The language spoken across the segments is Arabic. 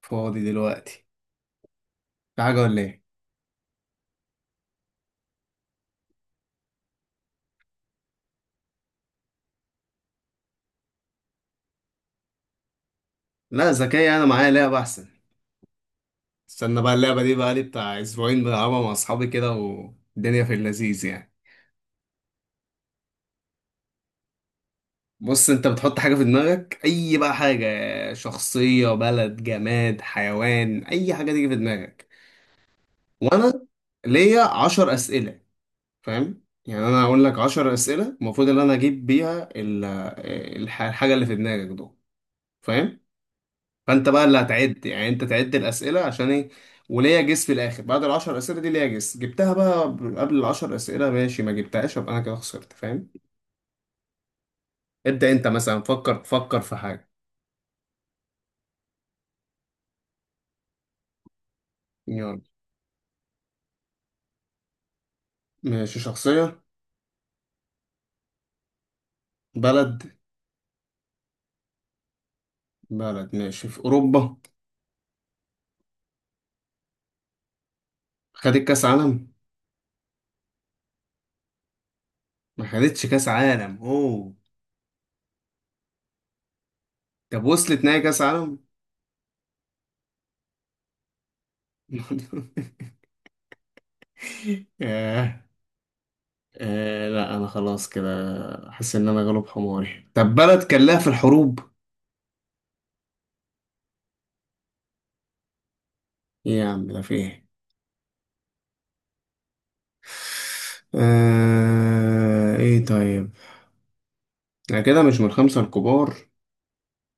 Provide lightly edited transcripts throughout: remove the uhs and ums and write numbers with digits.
فاضي دلوقتي، في حاجة ولا ايه؟ لا، ذكية. أنا معايا لعبة أحسن. استنى بقى، اللعبة دي بقى لي بتاع أسبوعين بلعبها مع أصحابي كده والدنيا في اللذيذ يعني. بص أنت بتحط حاجة في دماغك، أي بقى حاجة، شخصية بلد جماد حيوان، أي حاجة تيجي في دماغك. وأنا ليا 10 أسئلة، فاهم؟ يعني أنا هقول لك 10 أسئلة المفروض إن أنا أجيب بيها الحاجة اللي في دماغك دول، فاهم؟ فانت بقى اللي هتعد، يعني انت تعد الاسئله عشان ايه. وليا جس في الاخر، بعد ال10 اسئله دي ليا جس، جبتها بقى قبل ال10 اسئله ماشي، ما جبتهاش يبقى انا كده خسرت، فاهم؟ ابدا انت مثلا فكر في حاجه. يلا. ماشي، شخصيه؟ بلد؟ بلد ماشي، في اوروبا؟ خدت كاس عالم؟ ما خدتش كاس عالم، اوه. طب وصلت نهائي كاس عالم؟ آه. آه. لا انا خلاص كده حاسس ان انا غلب حماري. طب بلد كان لها في الحروب؟ إيه يا عم، ده في ايه؟ ايه طيب، انا كده مش من الخمسة الكبار.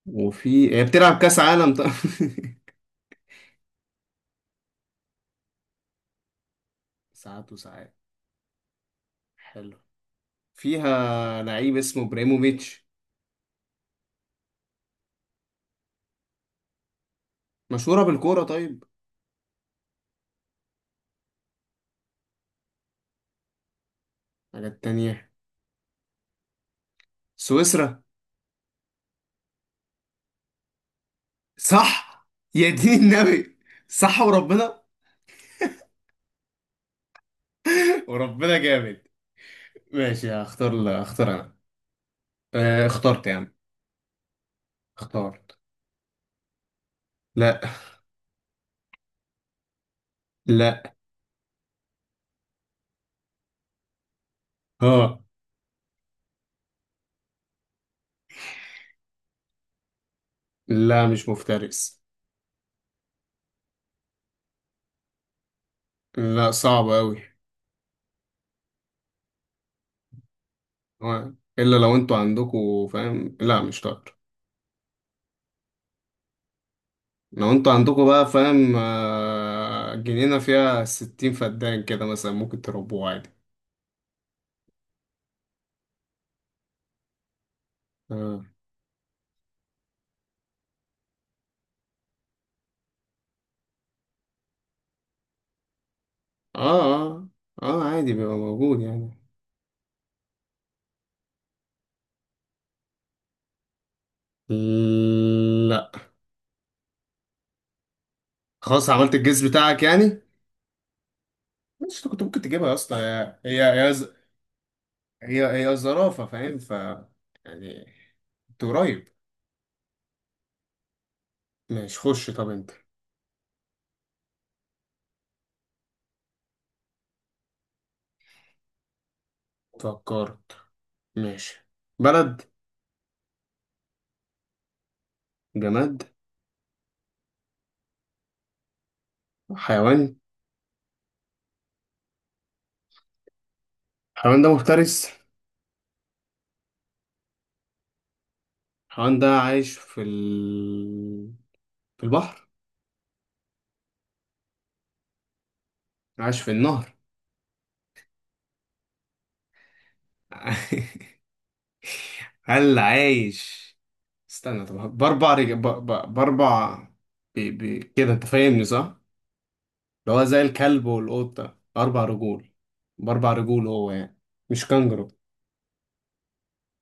وفي، هي بتلعب كأس عالم طيب؟ ساعات وساعات؟ حلو. فيها لعيب اسمه ابراهيموفيتش؟ مشهورة بالكورة طيب؟ حاجات تانية؟ سويسرا؟ صح؟ يا دين النبي! صح وربنا. وربنا جامد. ماشي هختار، اختار انا. آه اخترت يا عم، اخترت. لا. لا. اه. لا مش مفترس. لا صعب قوي. آه. الا لو انتوا عندكوا فاهم، لا مش طائر. لو انتوا عندكوا بقى فاهم آه، جنينة فيها 60 فدان كده مثلا ممكن تربوه عادي. اه اه. اه آه، عادي بيبقى موجود يعني. لا. خلاص عملت الجيز بتاعك يعني؟ مش انت كنت ممكن تجيبها يا اسطى، هي زرافة، فاهم؟ ف، يعني انت قريب. ماشي خش، طب انت. فكرت؟ ماشي. بلد؟ جماد؟ حيوان. الحيوان ده مفترس؟ حيوان ده عايش في في البحر؟ عايش في النهر؟ هل عايش، استنى طب، بأربع، كده أنت فاهمني صح؟ اللي هو زي الكلب والقطة 4 رجول. ب4 رجول هو يعني. مش كانجرو؟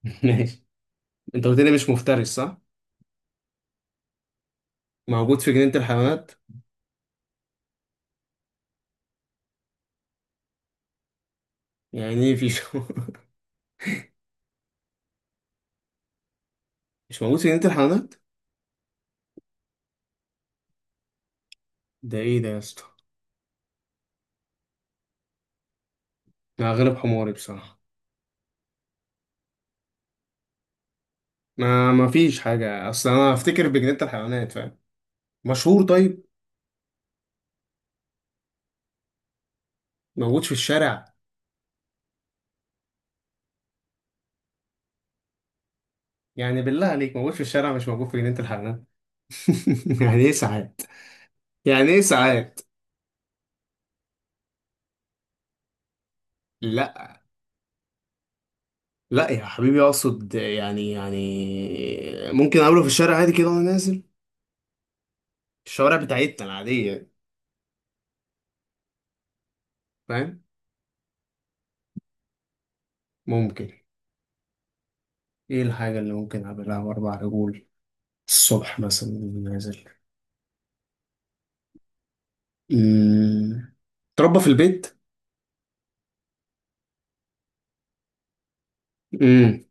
ماشي. أنت قلت لي مش مفترس صح؟ موجود في جنينة الحيوانات؟ يعني إيه في شو، مش موجود في جنينة الحيوانات؟ ده إيه ده يا اسطى؟ أنا غلب حماري بصراحة. ما فيش حاجة، أصل أنا أفتكر بجنينة الحيوانات، فاهم؟ مشهور طيب؟ موجود في الشارع؟ يعني بالله عليك موجود في الشارع مش موجود في جنينة الحيوانات. يعني ايه ساعات؟ يعني ايه ساعات؟ لا لا يا حبيبي، اقصد يعني يعني ممكن اقابله في الشارع عادي كده وانا نازل الشوارع بتاعتنا العادية يعني، فاهم؟ ممكن، ايه الحاجة اللي ممكن اقابلها ب4 رجول الصبح مثلا وأنا نازل؟ امم تربى في البيت؟ امم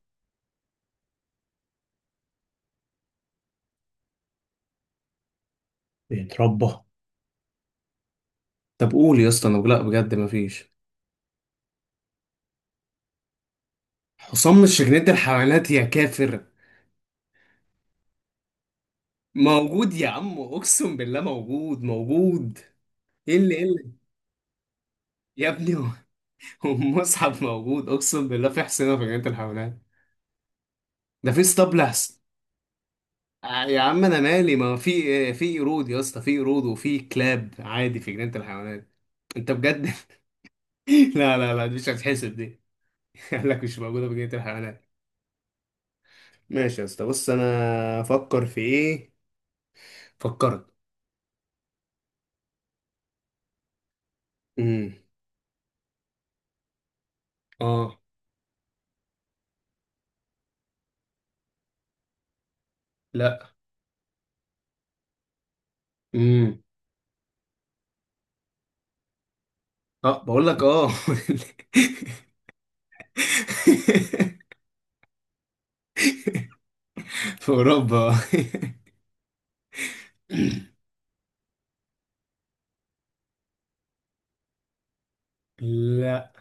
بيتربى. طب قول يا اسطى انا، لا بجد مفيش. حصان مش في جنينة الحيوانات يا كافر؟ موجود يا عم، اقسم بالله موجود موجود. ايه اللي ايه اللي، يا ابني هو، هو المصحف موجود اقسم بالله في حصينه في جنينه الحيوانات. ده في اسطبل احسن؟ آه، يا عم انا مالي، ما في إيه؟ في قرود يا اسطى، في قرود وفي كلاب عادي في جنينه الحيوانات. انت بجد؟ لا لا لا، دي مش هتحسب دي. قال لك مش موجوده في جنينه الحيوانات. ماشي يا اسطى. بص انا افكر في ايه. فكرت؟ امم اه. لا. امم اه بقول لك اه. في اوروبا. لا.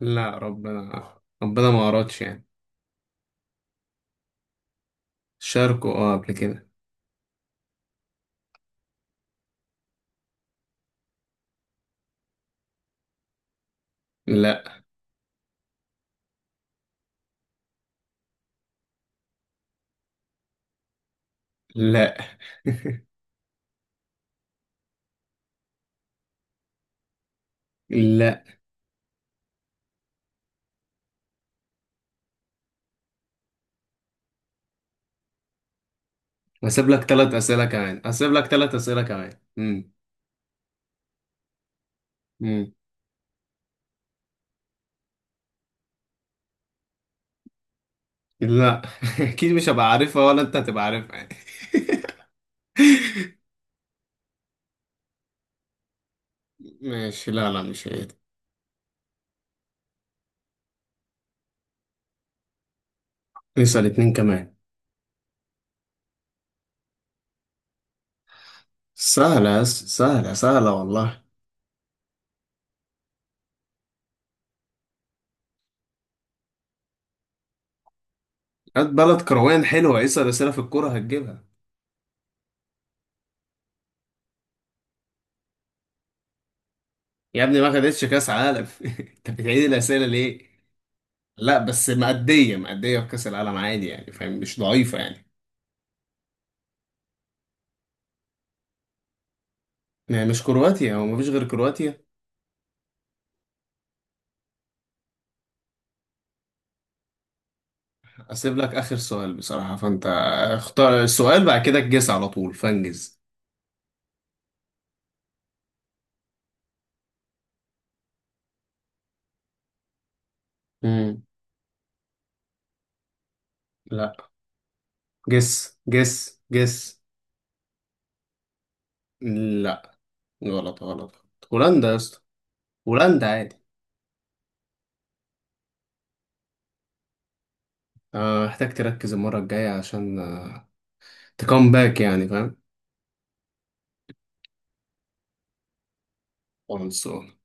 لا ربنا ربنا ما اردش يعني. شاركوا اه قبل كده. لا. لا. لا هسيب لك 3 اسئله كمان، هسيب لك 3 اسئله كمان. امم امم لا. اكيد مش هبقى عارفها ولا انت هتبقى عارفها يعني. ماشي. لا لا مش هي دي. اسال اتنين كمان. سهله يا سهله سهله والله. هات بلد كروان حلوه، اسال اسئله في الكوره هتجيبها. يا ابني ما خدتش كاس عالم. انت بتعيد الاسئله ليه؟ لا بس مأدية مأدية في كاس العالم عادي يعني فاهم، مش ضعيفه يعني. ما هي مش كرواتيا، هو مفيش غير كرواتيا. اسيب لك اخر سؤال بصراحه، فانت اختار السؤال بعد كده تجس على طول فانجز. امم، لا. جس جس جس. لا، غلط غلط. هولندا يا اسطى. هولندا عادي. آه، محتاج تركز المره الجايه عشان آه، تكم باك يعني، فاهم؟ خلاص.